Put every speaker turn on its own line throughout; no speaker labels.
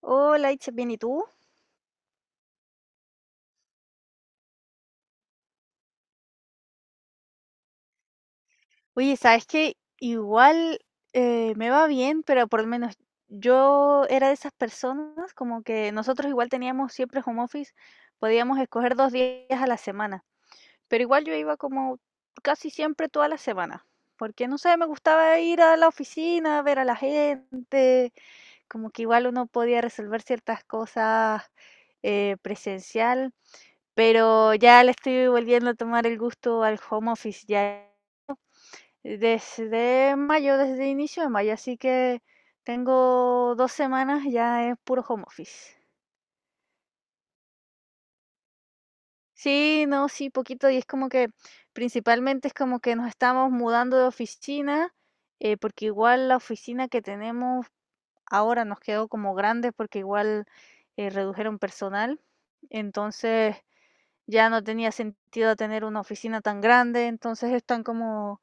Hola, Itche, bien, ¿y tú? Oye, ¿sabes qué? Igual me va bien, pero por lo menos yo era de esas personas, como que nosotros igual teníamos siempre home office, podíamos escoger 2 días a la semana, pero igual yo iba como casi siempre toda la semana, porque no sé, me gustaba ir a la oficina, ver a la gente, como que igual uno podía resolver ciertas cosas presencial, pero ya le estoy volviendo a tomar el gusto al home office, ya. Desde mayo, desde inicio de mayo, así que tengo 2 semanas, ya es puro home office. Sí, no, sí, poquito, y es como que principalmente es como que nos estamos mudando de oficina, porque igual la oficina que tenemos ahora nos quedó como grande porque igual, redujeron personal. Entonces, ya no tenía sentido tener una oficina tan grande, entonces están como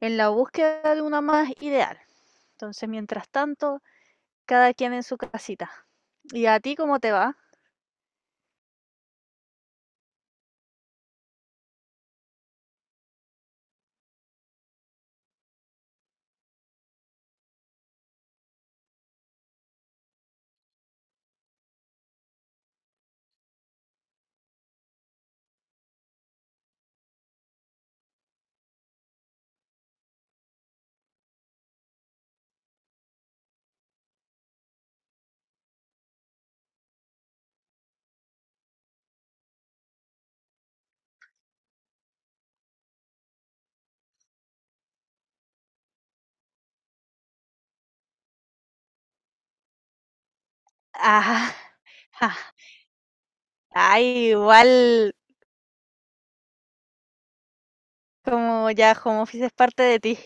en la búsqueda de una más ideal. Entonces, mientras tanto, cada quien en su casita. ¿Y a ti cómo te va? Ah, ah, ah, igual, como ya home office es parte de ti.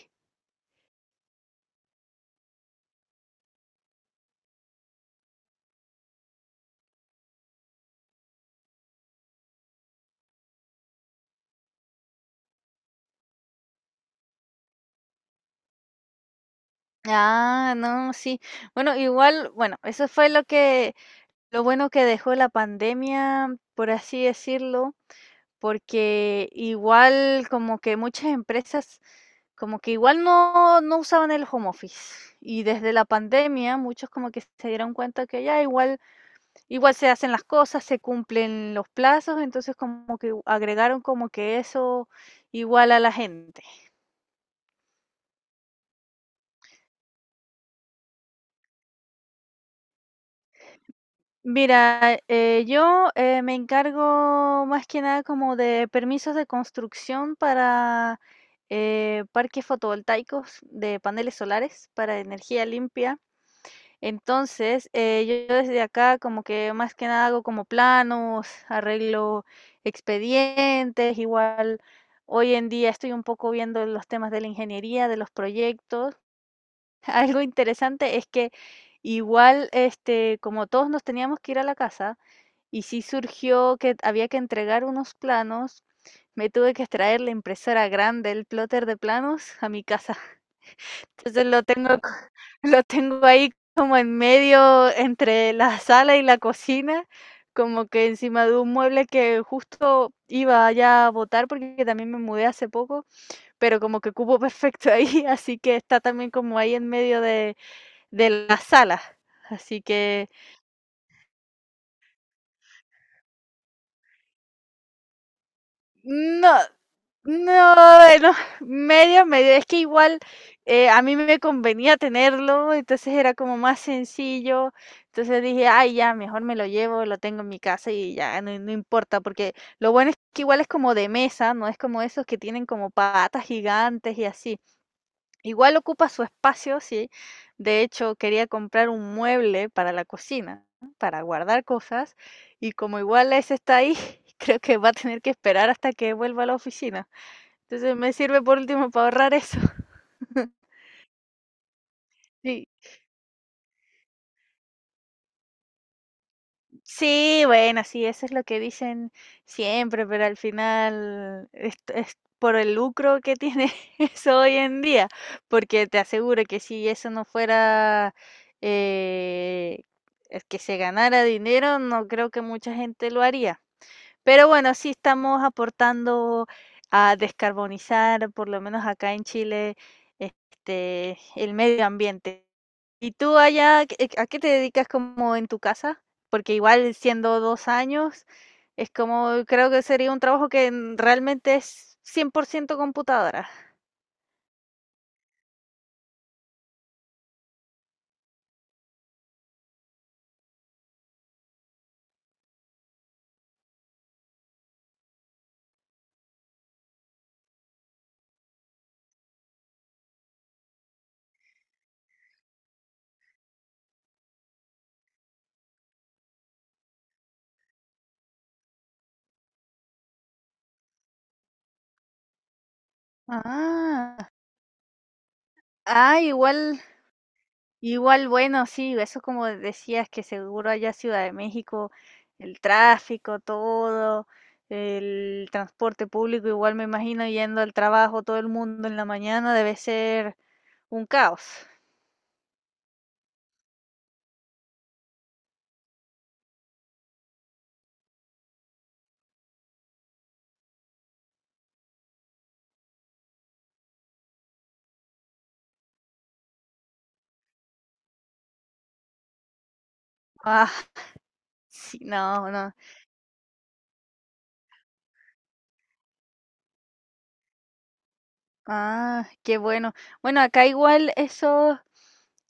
Ah, no, sí. Bueno, igual, bueno, eso fue lo que, lo bueno que dejó la pandemia, por así decirlo, porque igual como que muchas empresas como que igual no, no usaban el home office. Y desde la pandemia muchos como que se dieron cuenta que ya igual, igual se hacen las cosas, se cumplen los plazos, entonces como que agregaron como que eso igual a la gente. Mira, yo me encargo más que nada como de permisos de construcción para parques fotovoltaicos de paneles solares para energía limpia. Entonces, yo desde acá como que más que nada hago como planos, arreglo expedientes, igual hoy en día estoy un poco viendo los temas de la ingeniería, de los proyectos. Algo interesante es que igual, este, como todos nos teníamos que ir a la casa y sí surgió que había que entregar unos planos, me tuve que extraer la impresora grande, el plotter de planos a mi casa. Entonces lo tengo, lo tengo ahí como en medio entre la sala y la cocina, como que encima de un mueble que justo iba ya a botar porque también me mudé hace poco, pero como que cupo perfecto ahí, así que está también como ahí en medio de la sala. Así que no. No, bueno, medio, medio. Es que igual a mí me convenía tenerlo, entonces era como más sencillo. Entonces dije, ay, ya, mejor me lo llevo, lo tengo en mi casa y ya, no, no importa, porque lo bueno es que igual es como de mesa, no es como esos que tienen como patas gigantes y así. Igual ocupa su espacio, sí. De hecho, quería comprar un mueble para la cocina, ¿no? Para guardar cosas, y como igual ese está ahí, creo que va a tener que esperar hasta que vuelva a la oficina. Entonces me sirve por último para ahorrar eso. Sí, sí, bueno, sí, eso es lo que dicen siempre, pero al final es por el lucro que tiene eso hoy en día, porque te aseguro que si eso no fuera eh, es que se ganara dinero, no creo que mucha gente lo haría. Pero bueno, sí estamos aportando a descarbonizar, por lo menos acá en Chile, este, el medio ambiente. ¿Y tú allá, a qué te dedicas como en tu casa? Porque igual siendo 2 años, es como, creo que sería un trabajo que realmente es 100% computadora. Ah, ah, igual. Igual, bueno, sí, eso como decías que seguro allá Ciudad de México, el tráfico, todo, el transporte público, igual me imagino yendo al trabajo todo el mundo en la mañana debe ser un caos. Ah, sí, no, no. Ah, qué bueno. Bueno, acá igual eso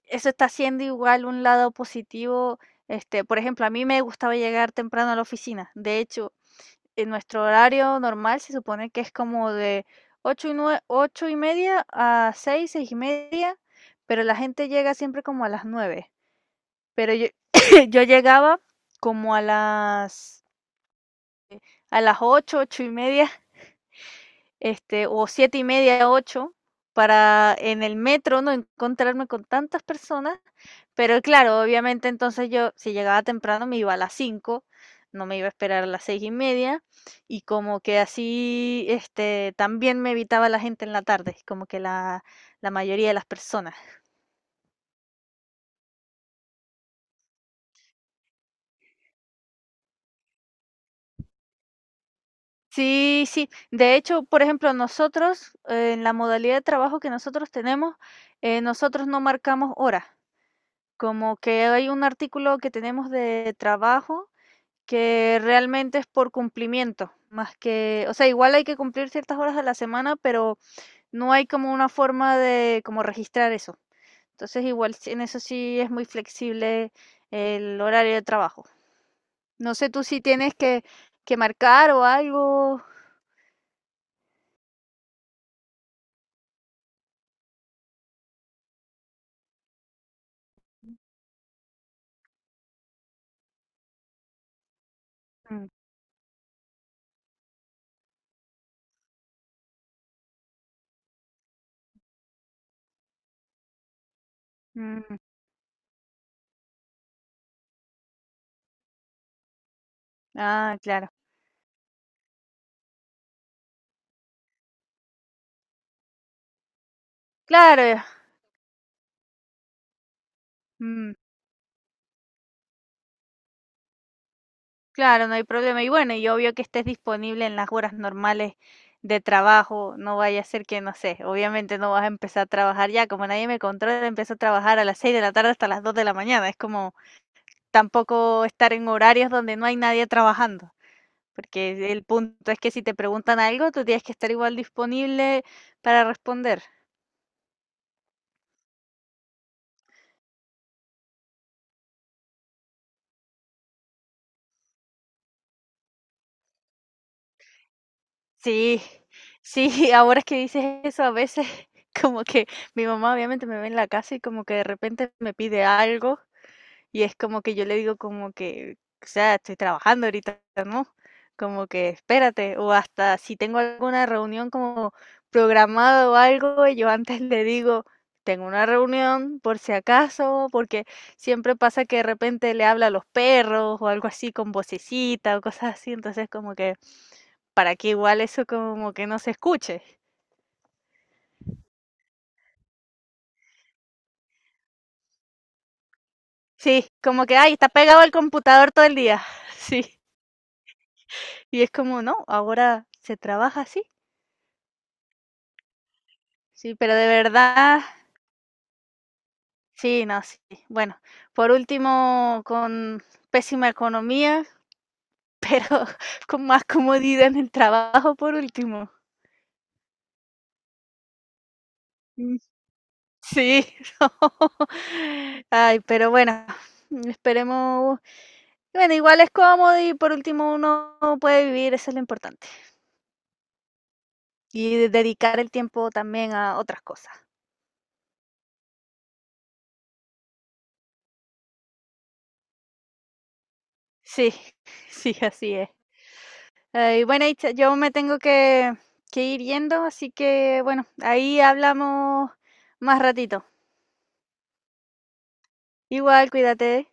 eso está siendo igual un lado positivo. Este, por ejemplo, a mí me gustaba llegar temprano a la oficina. De hecho, en nuestro horario normal se supone que es como de 8 y, 8:30 a 6, 6:30, pero la gente llega siempre como a las 9. Pero yo, yo llegaba como a las 8, 8:30, este, o 7:30, 8, para en el metro no encontrarme con tantas personas. Pero claro, obviamente entonces yo, si llegaba temprano, me iba a las 5, no me iba a esperar a las 6:30, y como que así, este, también me evitaba la gente en la tarde, como que la mayoría de las personas. Sí, sí. De hecho, por ejemplo, nosotros, en la modalidad de trabajo que nosotros tenemos, nosotros no marcamos horas. Como que hay un artículo que tenemos de trabajo que realmente es por cumplimiento, más que, o sea, igual hay que cumplir ciertas horas a la semana, pero no hay como una forma de como registrar eso. Entonces, igual en eso sí es muy flexible el horario de trabajo. No sé tú si tienes que marcar o algo. Mm, mm. Ah, claro. Claro. Mm. Claro, no hay problema. Y bueno, y obvio que estés disponible en las horas normales de trabajo. No vaya a ser que, no sé, obviamente no vas a empezar a trabajar ya. Como nadie me controla, empiezo a trabajar a las 6 de la tarde hasta las 2 de la mañana. Es como tampoco estar en horarios donde no hay nadie trabajando. Porque el punto es que si te preguntan algo, tú tienes que estar igual disponible para responder. Sí, sí, ahora es que dices eso a veces, como que mi mamá obviamente me ve en la casa y como que de repente me pide algo. Y es como que yo le digo como que, o sea, estoy trabajando ahorita, ¿no? Como que espérate, o hasta si tengo alguna reunión como programada o algo, yo antes le digo, tengo una reunión por si acaso, porque siempre pasa que de repente le habla a los perros o algo así con vocecita o cosas así, entonces como que para que igual eso como que no se escuche. Sí, como que, ay, está pegado al computador todo el día. Sí, y es como, no, ahora se trabaja así. Sí, pero de verdad, sí, no, sí. Bueno, por último, con pésima economía, con más comodidad en el trabajo, por último. Mm. Sí, no. Ay, pero bueno, esperemos. Bueno, igual es cómodo y por último uno puede vivir, eso es lo importante. Y dedicar el tiempo también a otras cosas. Sí, sí, así es. Y bueno, Itza, yo me tengo que, ir yendo, así que bueno, ahí hablamos más ratito. Igual, cuídate.